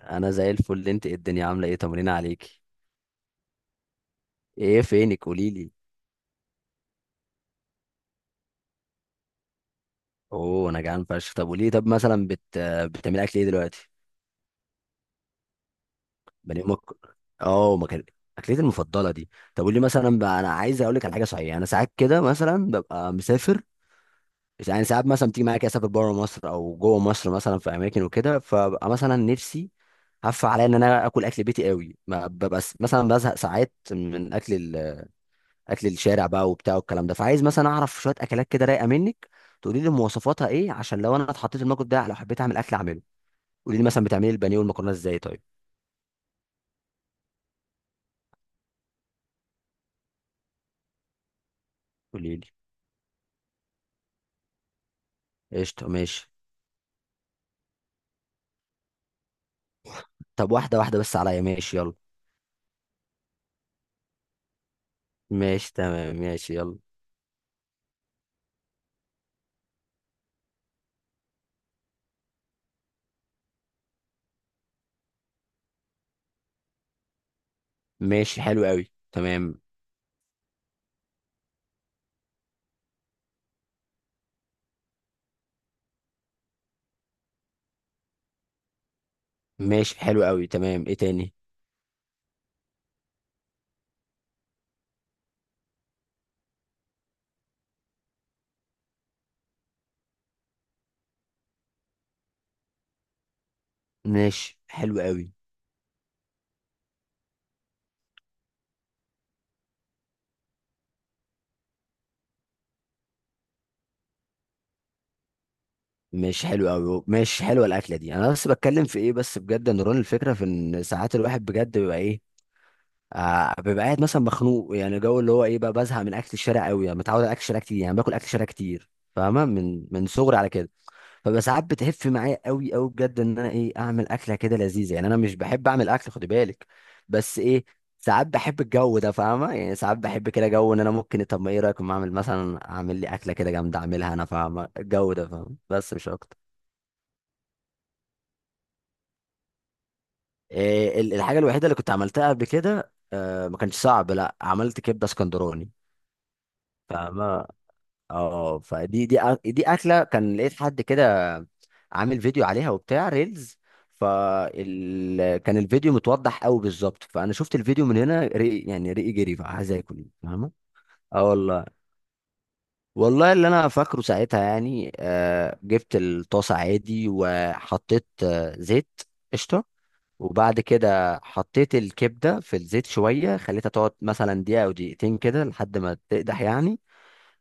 انا زي الفل. انت إيه؟ الدنيا عامله ايه؟ تمرين عليكي؟ ايه فينك؟ قولي لي. اوه انا جعان فشخ. طب قولي لي. طب مثلا بتعملي اكل ايه دلوقتي؟ بني امك. اه ما كان اكلتي المفضله دي. طب قولي مثلا بقى، انا عايز اقول لك على حاجه صحيحه. انا ساعات كده مثلا ببقى مسافر، يعني ساعات مثلا بتيجي معايا كده اسافر بره مصر او جوه مصر مثلا في اماكن وكده، فببقى مثلا نفسي هف عليا ان انا اكل اكل بيتي قوي. ما ببقى مثلا بزهق ساعات من اكل اكل الشارع بقى وبتاع والكلام ده. فعايز مثلا اعرف شويه اكلات كده رايقه منك، تقولي لي مواصفاتها ايه، عشان لو انا اتحطيت في الموقف ده لو حبيت اعمل اكل اعمله. قولي لي مثلا بتعملي البانيه والمكرونه ازاي طيب؟ قولي لي. قشطه ماشي. طب واحده واحده بس عليا، ماشي يلا. ماشي تمام ماشي يلا. ماشي حلو قوي تمام. ماشي حلو قوي تمام، ايه تاني؟ ماشي حلو قوي. ماشي حلو قوي. ماشي حلوه الاكله دي. انا بس بتكلم في ايه بس، بجد يا نوران، الفكره في ان ساعات الواحد بجد بيبقى ايه، آه، ببقى قاعد مثلا مخنوق، يعني جو اللي هو ايه بقى، بزهق من اكل الشارع قوي، يعني متعود على اكل الشارع كتير، يعني باكل اكل الشارع كتير فاهمه، من صغري على كده. فبقى ساعات بتهف معايا قوي قوي بجد، ان انا ايه، اعمل اكله كده لذيذه، يعني انا مش بحب اعمل اكل خد بالك، بس ايه، ساعات بحب الجو ده فاهمه، يعني ساعات بحب كده جو ان انا ممكن، طب ما ايه رايك، ما اعمل مثلا اعمل لي اكله كده جامده اعملها انا، فاهمه الجو ده فاهمه، بس مش اكتر. إيه الحاجه الوحيده اللي كنت عملتها قبل كده، آه ما كانش صعب، لا، عملت كبده اسكندراني فاهمه. اه فدي دي دي اكله كان لقيت حد كده عامل فيديو عليها وبتاع ريلز، فال كان الفيديو متوضح قوي بالظبط، فانا شفت الفيديو من هنا رقي، يعني رقي جري بقى عايز اكل فاهمه. اه والله، والله اللي انا فاكره ساعتها يعني، آه، جبت الطاسه عادي وحطيت آه زيت. قشطه. وبعد كده حطيت الكبده في الزيت شويه، خليتها تقعد مثلا دقيقه او دقيقتين كده لحد ما تقدح يعني.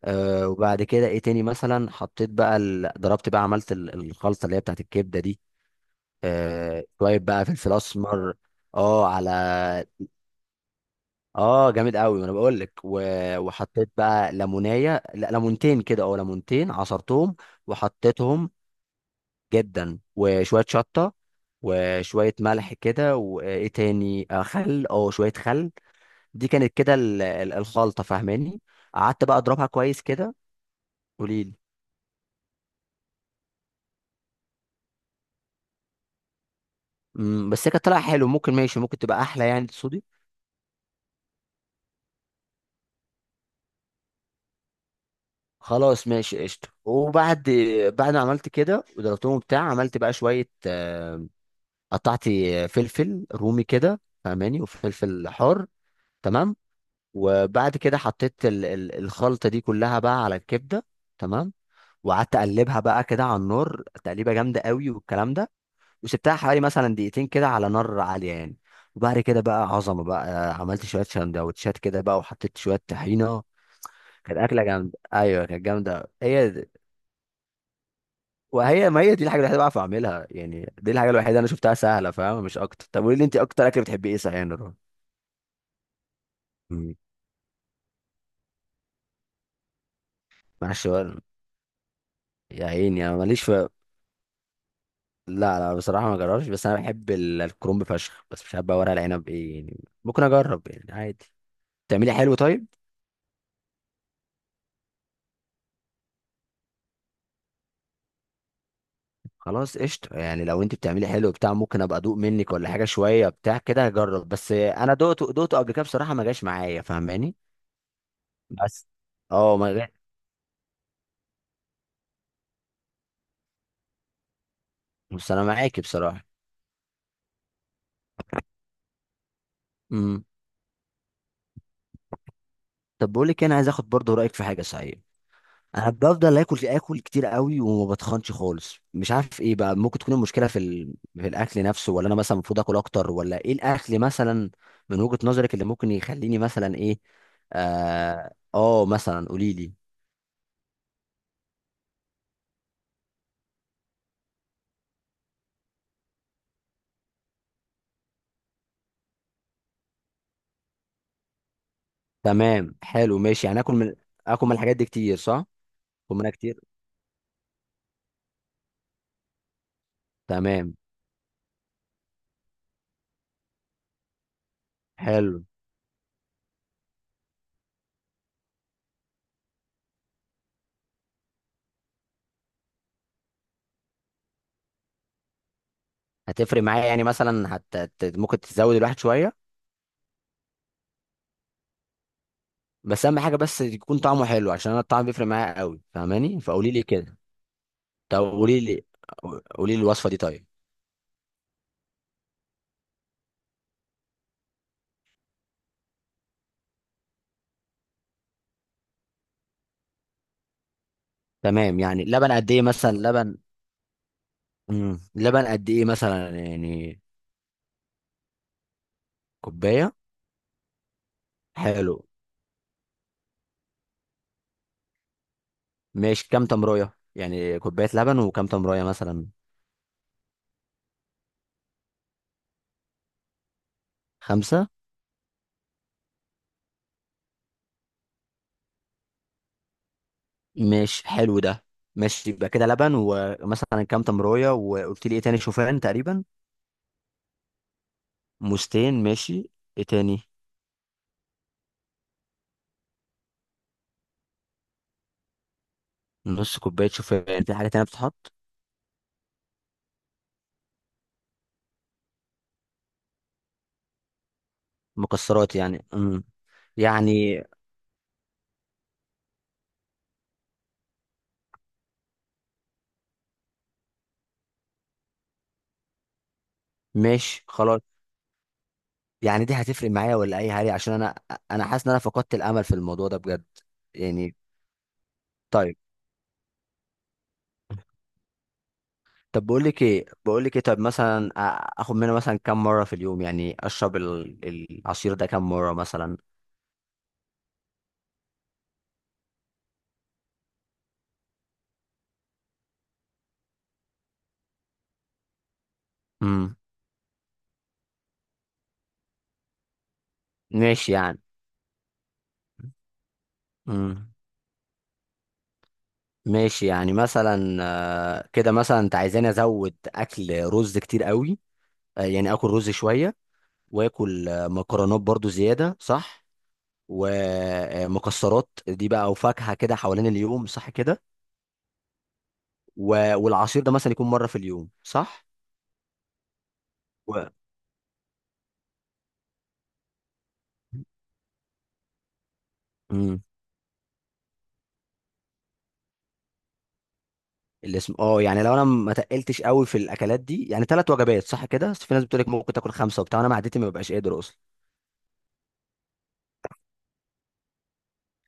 آه وبعد كده ايه تاني، مثلا حطيت بقى ضربت بقى، عملت الخلطه اللي هي بتاعت الكبده دي. آه شويه بقى فلفل اسمر. اه على. اه جامد قوي، ما انا بقول لك وحطيت بقى ليمونيه، لا ليمونتين كده، او ليمونتين عصرتهم وحطيتهم. جدا، وشويه شطه وشويه ملح كده، وايه تاني، آه خل، اه شويه خل، دي كانت كده الخلطه فاهماني. قعدت بقى اضربها كويس كده. قولي. مم، بس هي كانت طالعه حلو، ممكن، ماشي، ممكن تبقى احلى يعني تقصدي. خلاص ماشي قشطه وبعد، بعد ما عملت كده وضربتهم بتاع، عملت بقى شويه آه، قطعت فلفل رومي كده فاهماني وفلفل حار. تمام. وبعد كده حطيت الخلطه دي كلها بقى على الكبده. تمام. وقعدت اقلبها بقى كده على النار تقليبه جامده قوي والكلام ده. وسبتها حوالي مثلا دقيقتين كده على نار عاليه يعني. وبعد كده بقى عظمه بقى، عملت شويه سندوتشات كده بقى وحطيت شويه طحينه. كانت اكله جامده، ايوه كانت جامده أوي. هي دي. وهي، ما هي دي الحاجه الوحيده اللي بعرف اعملها يعني، دي الحاجه الوحيده انا شفتها سهله فاهم، مش اكتر. طب قولي لي انت، اكتر اكل بتحبي ايه صحيح يا نور؟ مم. معلش بقى. يا عيني انا ماليش في. لا لا بصراحه ما جربش، بس انا بحب الكرنب فشخ، بس مش عارف بقى ورق العنب ايه يعني، ممكن اجرب يعني عادي. بتعملي حلو طيب؟ خلاص قشطه، يعني لو انت بتعملي حلو بتاع ممكن ابقى ادوق منك، ولا حاجه شويه بتاع كده هجرب، بس انا دوقته دوقته قبل كده بصراحه ما جاش معايا فاهماني. بس. اه ما، بس انا معاكي بصراحه. امم. طب بقول لك إيه، انا عايز اخد برضه رايك في حاجه صحيح. انا بفضل اكل اكل كتير قوي وما بتخنش خالص، مش عارف ايه بقى ممكن تكون المشكله، في في الاكل نفسه، ولا انا مثلا المفروض اكل اكتر، ولا ايه الاكل مثلا من وجهه نظرك اللي ممكن يخليني مثلا ايه. اه, آه مثلا قولي لي. تمام حلو ماشي، يعني اكل من، اكل من الحاجات دي كتير صح؟ اكل منها كتير. تمام. حلو. هتفرق معايا يعني مثلا ممكن تزود الواحد شويه؟ بس اهم حاجه بس يكون طعمه حلو، عشان انا الطعم بيفرق معايا قوي فاهماني، فقولي لي كده. طب قولي لي، قولي لي الوصفه دي طيب. تمام يعني لبن قد ايه مثلا لبن؟ مم. لبن قد ايه مثلا يعني؟ كوبايه. حلو ماشي، كام تمريه يعني، كوبايه لبن وكام تمريه مثلا؟ خمسه. مش حلو ده. ماشي، يبقى كده لبن ومثلا كام تمريه، وقلت لي ايه تاني، شوفان تقريبا. مستين ماشي. ايه تاني؟ نص كوبايه شوفان، في حاجه تانيه بتتحط؟ مكسرات يعني. امم. يعني. ماشي خلاص، يعني دي هتفرق معايا ولا اي حاجه عشان انا، انا حاسس ان انا فقدت الامل في الموضوع ده بجد. يعني. طيب. طب بقول لك ايه، بقول لك ايه، طب مثلا اخد منها مثلا كام مره في اليوم، يعني اشرب العصير ده كام مره مثلا؟ امم. ماشي يعني. امم. ماشي يعني، مثلا آه، كده مثلا انت عايزاني ازود اكل رز كتير قوي، آه، يعني اكل رز شويه، واكل آه، مكرونات برضو زياده صح؟ ومكسرات دي بقى، وفاكهه كده حوالين اليوم صح كده؟ والعصير ده مثلا يكون مره في اليوم صح؟ و... امم. الاسم، اه يعني لو انا ما تقلتش قوي في الاكلات دي، يعني ثلاث وجبات صح كده، بس في ناس بتقول لك ممكن تاكل خمسه وبتاع، انا معدتي ما ببقاش قادر اصلا.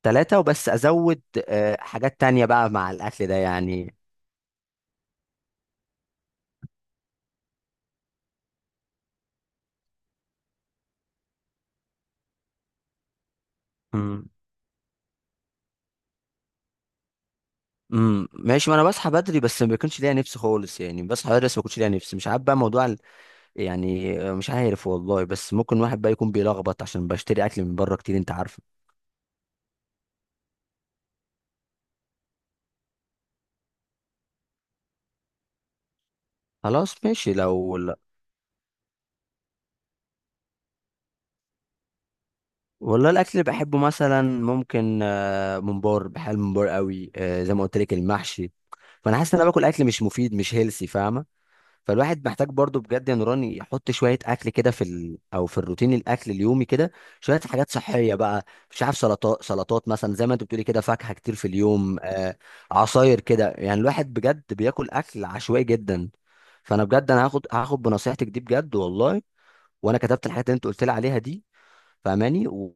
ثلاثه وبس ازود آه، حاجات تانية بقى مع الاكل ده يعني. امم. ماشي، ما انا بصحى بدري، بس ما بيكونش ليا نفس خالص يعني، بصحى بدري بس ما بيكونش ليا نفس، مش عارف بقى موضوع يعني آه، مش عارف والله، بس ممكن واحد بقى يكون بيلخبط عشان بشتري اكل من بره كتير انت عارفه. خلاص ماشي لو لا. والله الاكل اللي بحبه مثلا ممكن آه، ممبار، بحب الممبار قوي، آه، زي ما قلت لك المحشي. فانا حاسس ان انا باكل اكل مش مفيد مش هيلسي فاهمه. فالواحد محتاج برضو بجد يا نوران يحط شوية أكل كده في أو في الروتين الأكل اليومي كده، شوية حاجات صحية بقى. مش عارف سلطات، سلطات مثلا زي ما أنت بتقولي كده، فاكهة كتير في اليوم آه، عصاير كده، يعني الواحد بجد بياكل أكل عشوائي جدا. فأنا بجد أنا هاخد، هاخد بنصيحتك دي بجد والله، وأنا كتبت الحاجات اللي أنت قلت لي عليها دي فاهماني،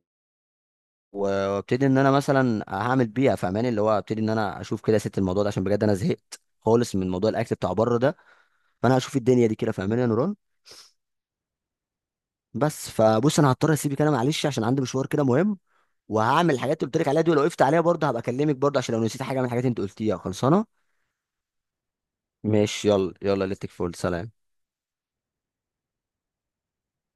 وابتدي ان انا مثلا هعمل بيها فاهماني، اللي هو ابتدي ان انا اشوف كده يا ست الموضوع ده، عشان بجد انا زهقت خالص من موضوع الاكل بتاع بره ده. فانا هشوف الدنيا دي كده فاهماني يا نوران. بس فبص انا هضطر اسيبك انا، معلش عشان عندي مشوار كده مهم، وهعمل الحاجات اللي قلت لك عليها دي ولو وقفت.